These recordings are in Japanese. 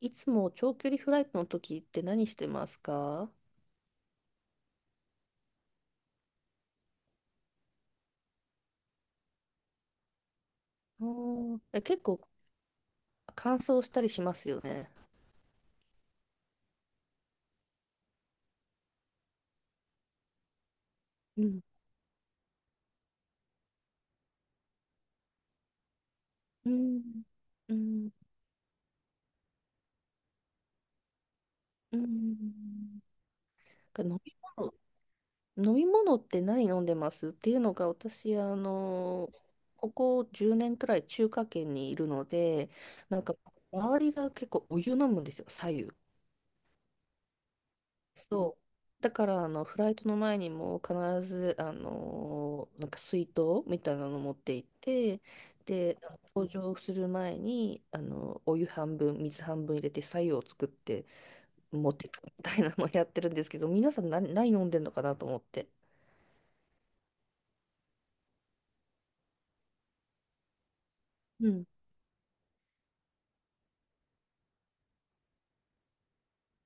いつも長距離フライトの時って何してますか？うん。結構乾燥したりしますよね。うん、うん、うん、うん。か飲み物、飲み物って何飲んでますっていうのが私、ここ10年くらい中華圏にいるので、なんか周りが結構お湯飲むんですよ、左右。そう。だから、フライトの前にも必ず、なんか水筒みたいなの持って行って、で、搭乗する前に、お湯半分、水半分入れて、白湯を作って持ってくみたいなのをやってるんですけど、皆さん何飲んでんのかなと思って。うん。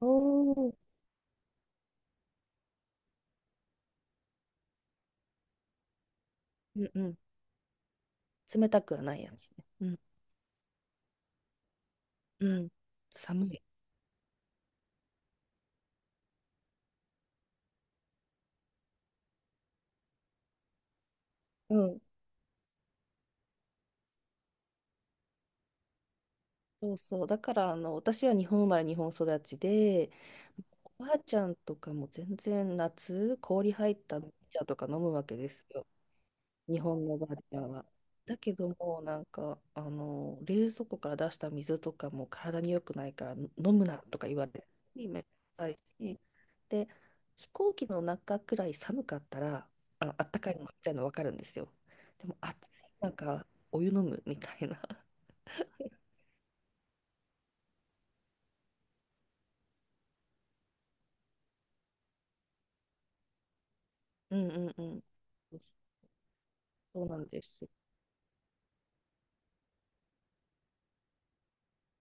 おー、うんうん。冷たくはないやつね。うん。うん。寒い。うん。そうそう。だから、私は日本生まれ、日本育ちで、おばあちゃんとかも全然夏、氷入った麦茶とか飲むわけですよ。日本のおばあちゃんは。だけども、なんか、冷蔵庫から出した水とかも体に良くないから飲むなとか言われて、めんどくさいし。で、飛行機の中くらい寒かったら、あったかいのみたいなの分かるんですよ。でも、暑い、なんか、お湯飲むみたいな。うんうんうん。そうなんです。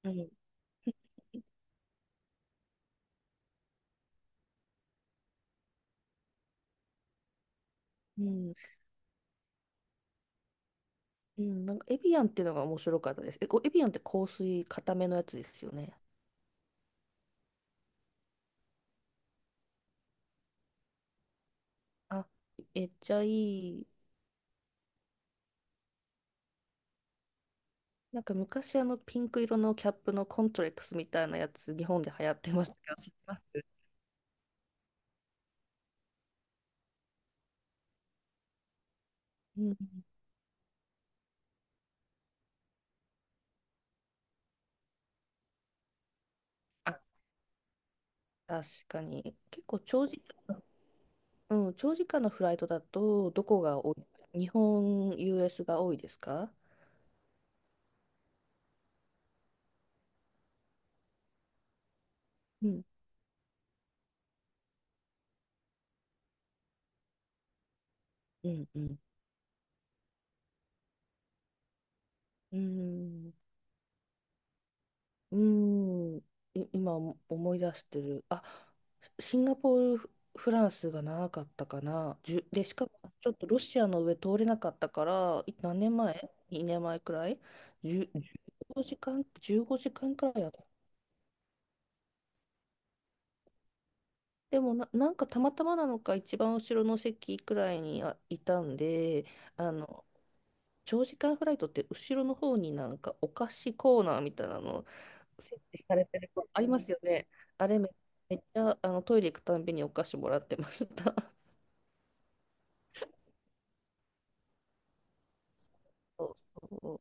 うん。うん。うん。なんか、エビアンっていうのが面白かったです。え、こうエビアンって香水、固めのやつですよね。あ、めっちゃいい。なんか、昔、ピンク色のキャップのコントレックスみたいなやつ、日本で流行ってましたけど、知ってます？うん。あ、確かに。結構、長時間、うん、長時間のフライトだと、どこが多い日本、US が多いですか？うん。うん、うん。うん。うーん、今思い出してる。あ、シンガポール、フランスが長かったかな。で、しかもちょっとロシアの上通れなかったから、何年前？ 2 年前くらい？ 10、1時間、15時間くらいやった。でもなんかたまたまなのか一番後ろの席くらいにあいたんで、あの、長時間フライトって後ろの方になんかお菓子コーナーみたいなの設置されてるとありますよね。あれめ、めっちゃトイレ行くたんびにお菓子もらってました。そうそう。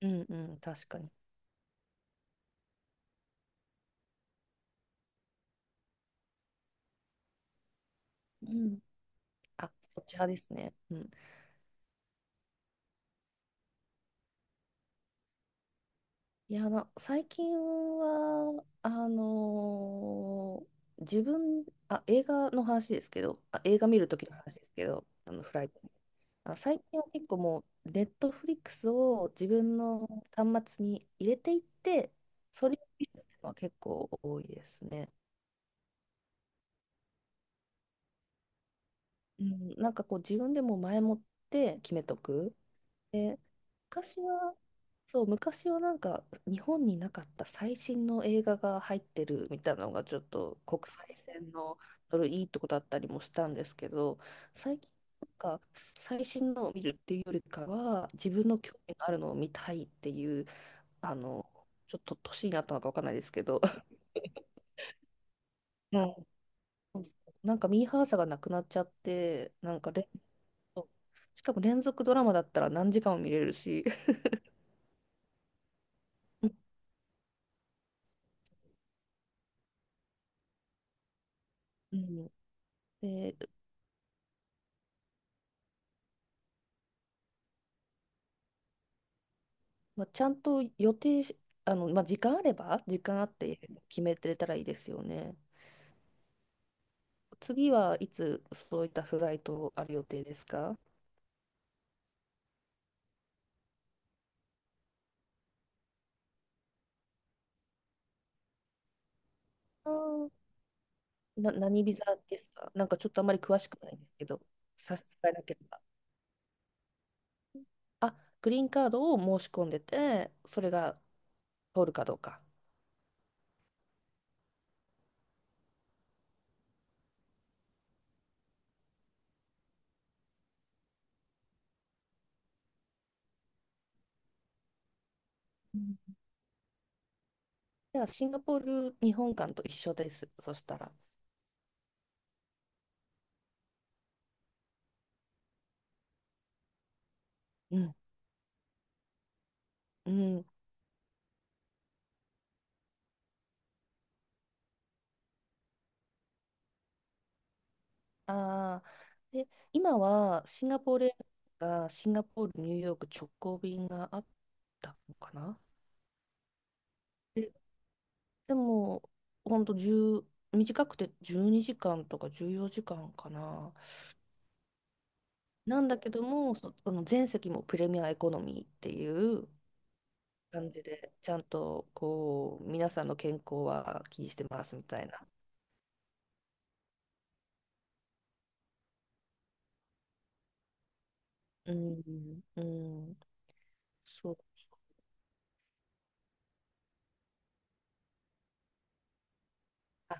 うんうん、確かに。うん。あ、こっち派ですね。うん。いや、最近は、あ、映画の話ですけど、あ、映画見るときの話ですけど、フライト。あ、最近は結構もう、ネットフリックスを自分の端末に入れていって、それを見るのは結構多いですね。うん、なんかこう、自分でも前もって決めとく。で、昔は、そう、昔はなんか日本になかった最新の映画が入ってるみたいなのがちょっと国際線のドルいいとこだったりもしたんですけど、最近なんか最新のを見るっていうよりかは自分の興味のあるのを見たいっていう、あの、ちょっと年になったのかわかんないですけど、はい。そうそう なんかミーハーさがなくなっちゃって、なんか続しかも連続ドラマだったら何時間も見れるし、うん、うん。で、まあ、ちゃんと予定し、まあ、時間あって決めてたらいいですよね。次はいつそういったフライトある予定ですか？あー、何ビザですか？なんかちょっとあまり詳しくないんですけど、差し支えなければ。あ、グリーンカードを申し込んでて、それが通るかどうか。うん。じゃあ、シンガポール日本館と一緒です。そしたら。うん。うん。ああ。で、今はシンガポールエアがシンガポール、ニューヨーク直行便があったのかな。で、でも、ほんと1短くて12時間とか14時間かんかな。なんだけども、その全席もプレミアエコノミーっていう感じで、ちゃんとこう、皆さんの健康は気にしてますみたいな。うん。うん。そう。あ、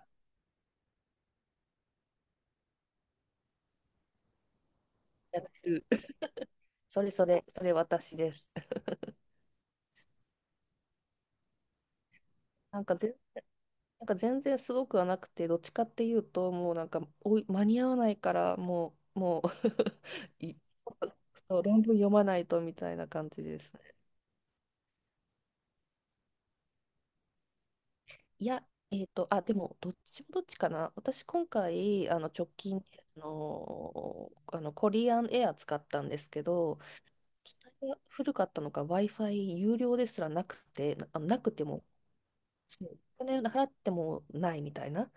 やってる。それそれ、それ私です。なんかぜ、なんか全然すごくはなくて、どっちかっていうと、もうなんか、おい、間に合わないから、もう、もう そう論文読まないとみたいな感じです。いや、あ、でも、どっちもどっちかな。私、今回、直近で、コリアンエア使ったんですけど、機体が古かったのか、Wi-Fi 有料ですらなくて、なくても、そうお金払ってもないみたいな。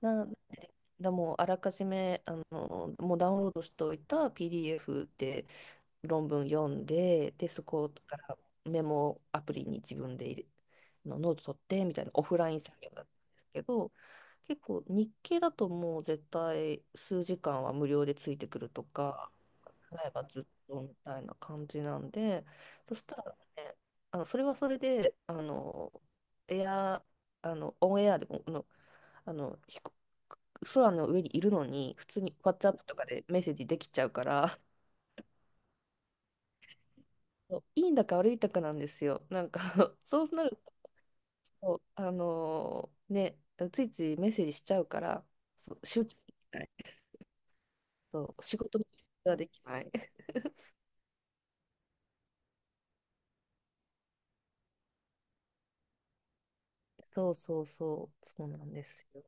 なだもうあらかじめもうダウンロードしておいた PDF で論文読んで、で、そこからメモアプリに自分で入れのノート取ってみたいなオフライン作業だったんですけど、結構日経だともう絶対数時間は無料でついてくるとか、払えばずっとみたいな感じなんで、そしたらね、それはそれで、エア、オンエアでも、あの、飛行空の上にいるのに、普通に WhatsApp とかでメッセージできちゃうから、そういいんだか悪いんだかなんですよ。なんか そうなると、ね、ついついメッセージしちゃうから、そう、集中できない。そう、仕事ができない。そうそうそう、そうなんですよ。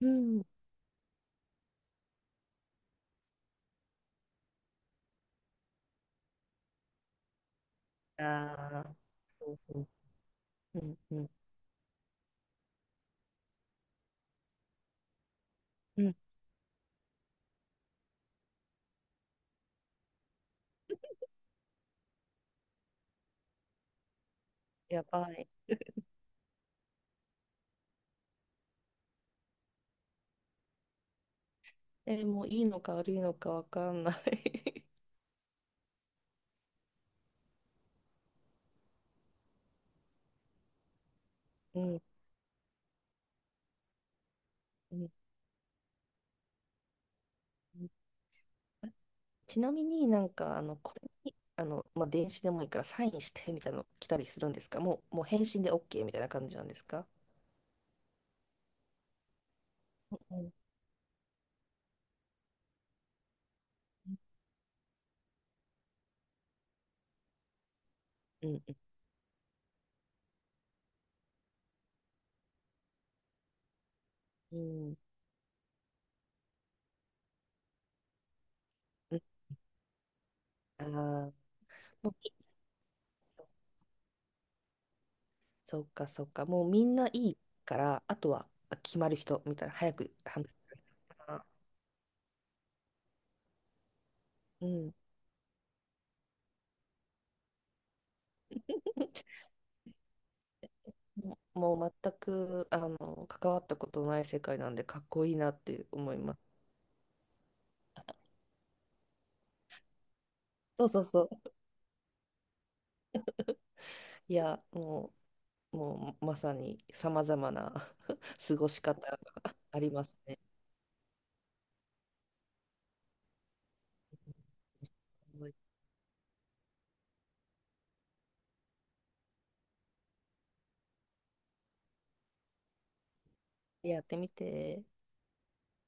うん。ああ、そうそう。うんうん。うん。やばい。もういいのか悪いのかわかんない。 うん。うん。ちなみになんか、これに、まあ、電子でもいいからサインしてみたいなの来たりするんですか？もう返信で OK みたいな感じなんですか？うんうんうんうん。ああー、もういいよ。そうかそうか。もうみんないいから、あとはあ決まる人みたいな、早く判断するから。うん。もうもう全く関わったことない世界なんでかっこいいなって思います。そうそうそう。いや、もうまさにさまざまな 過ごし方がありますね。やってみて。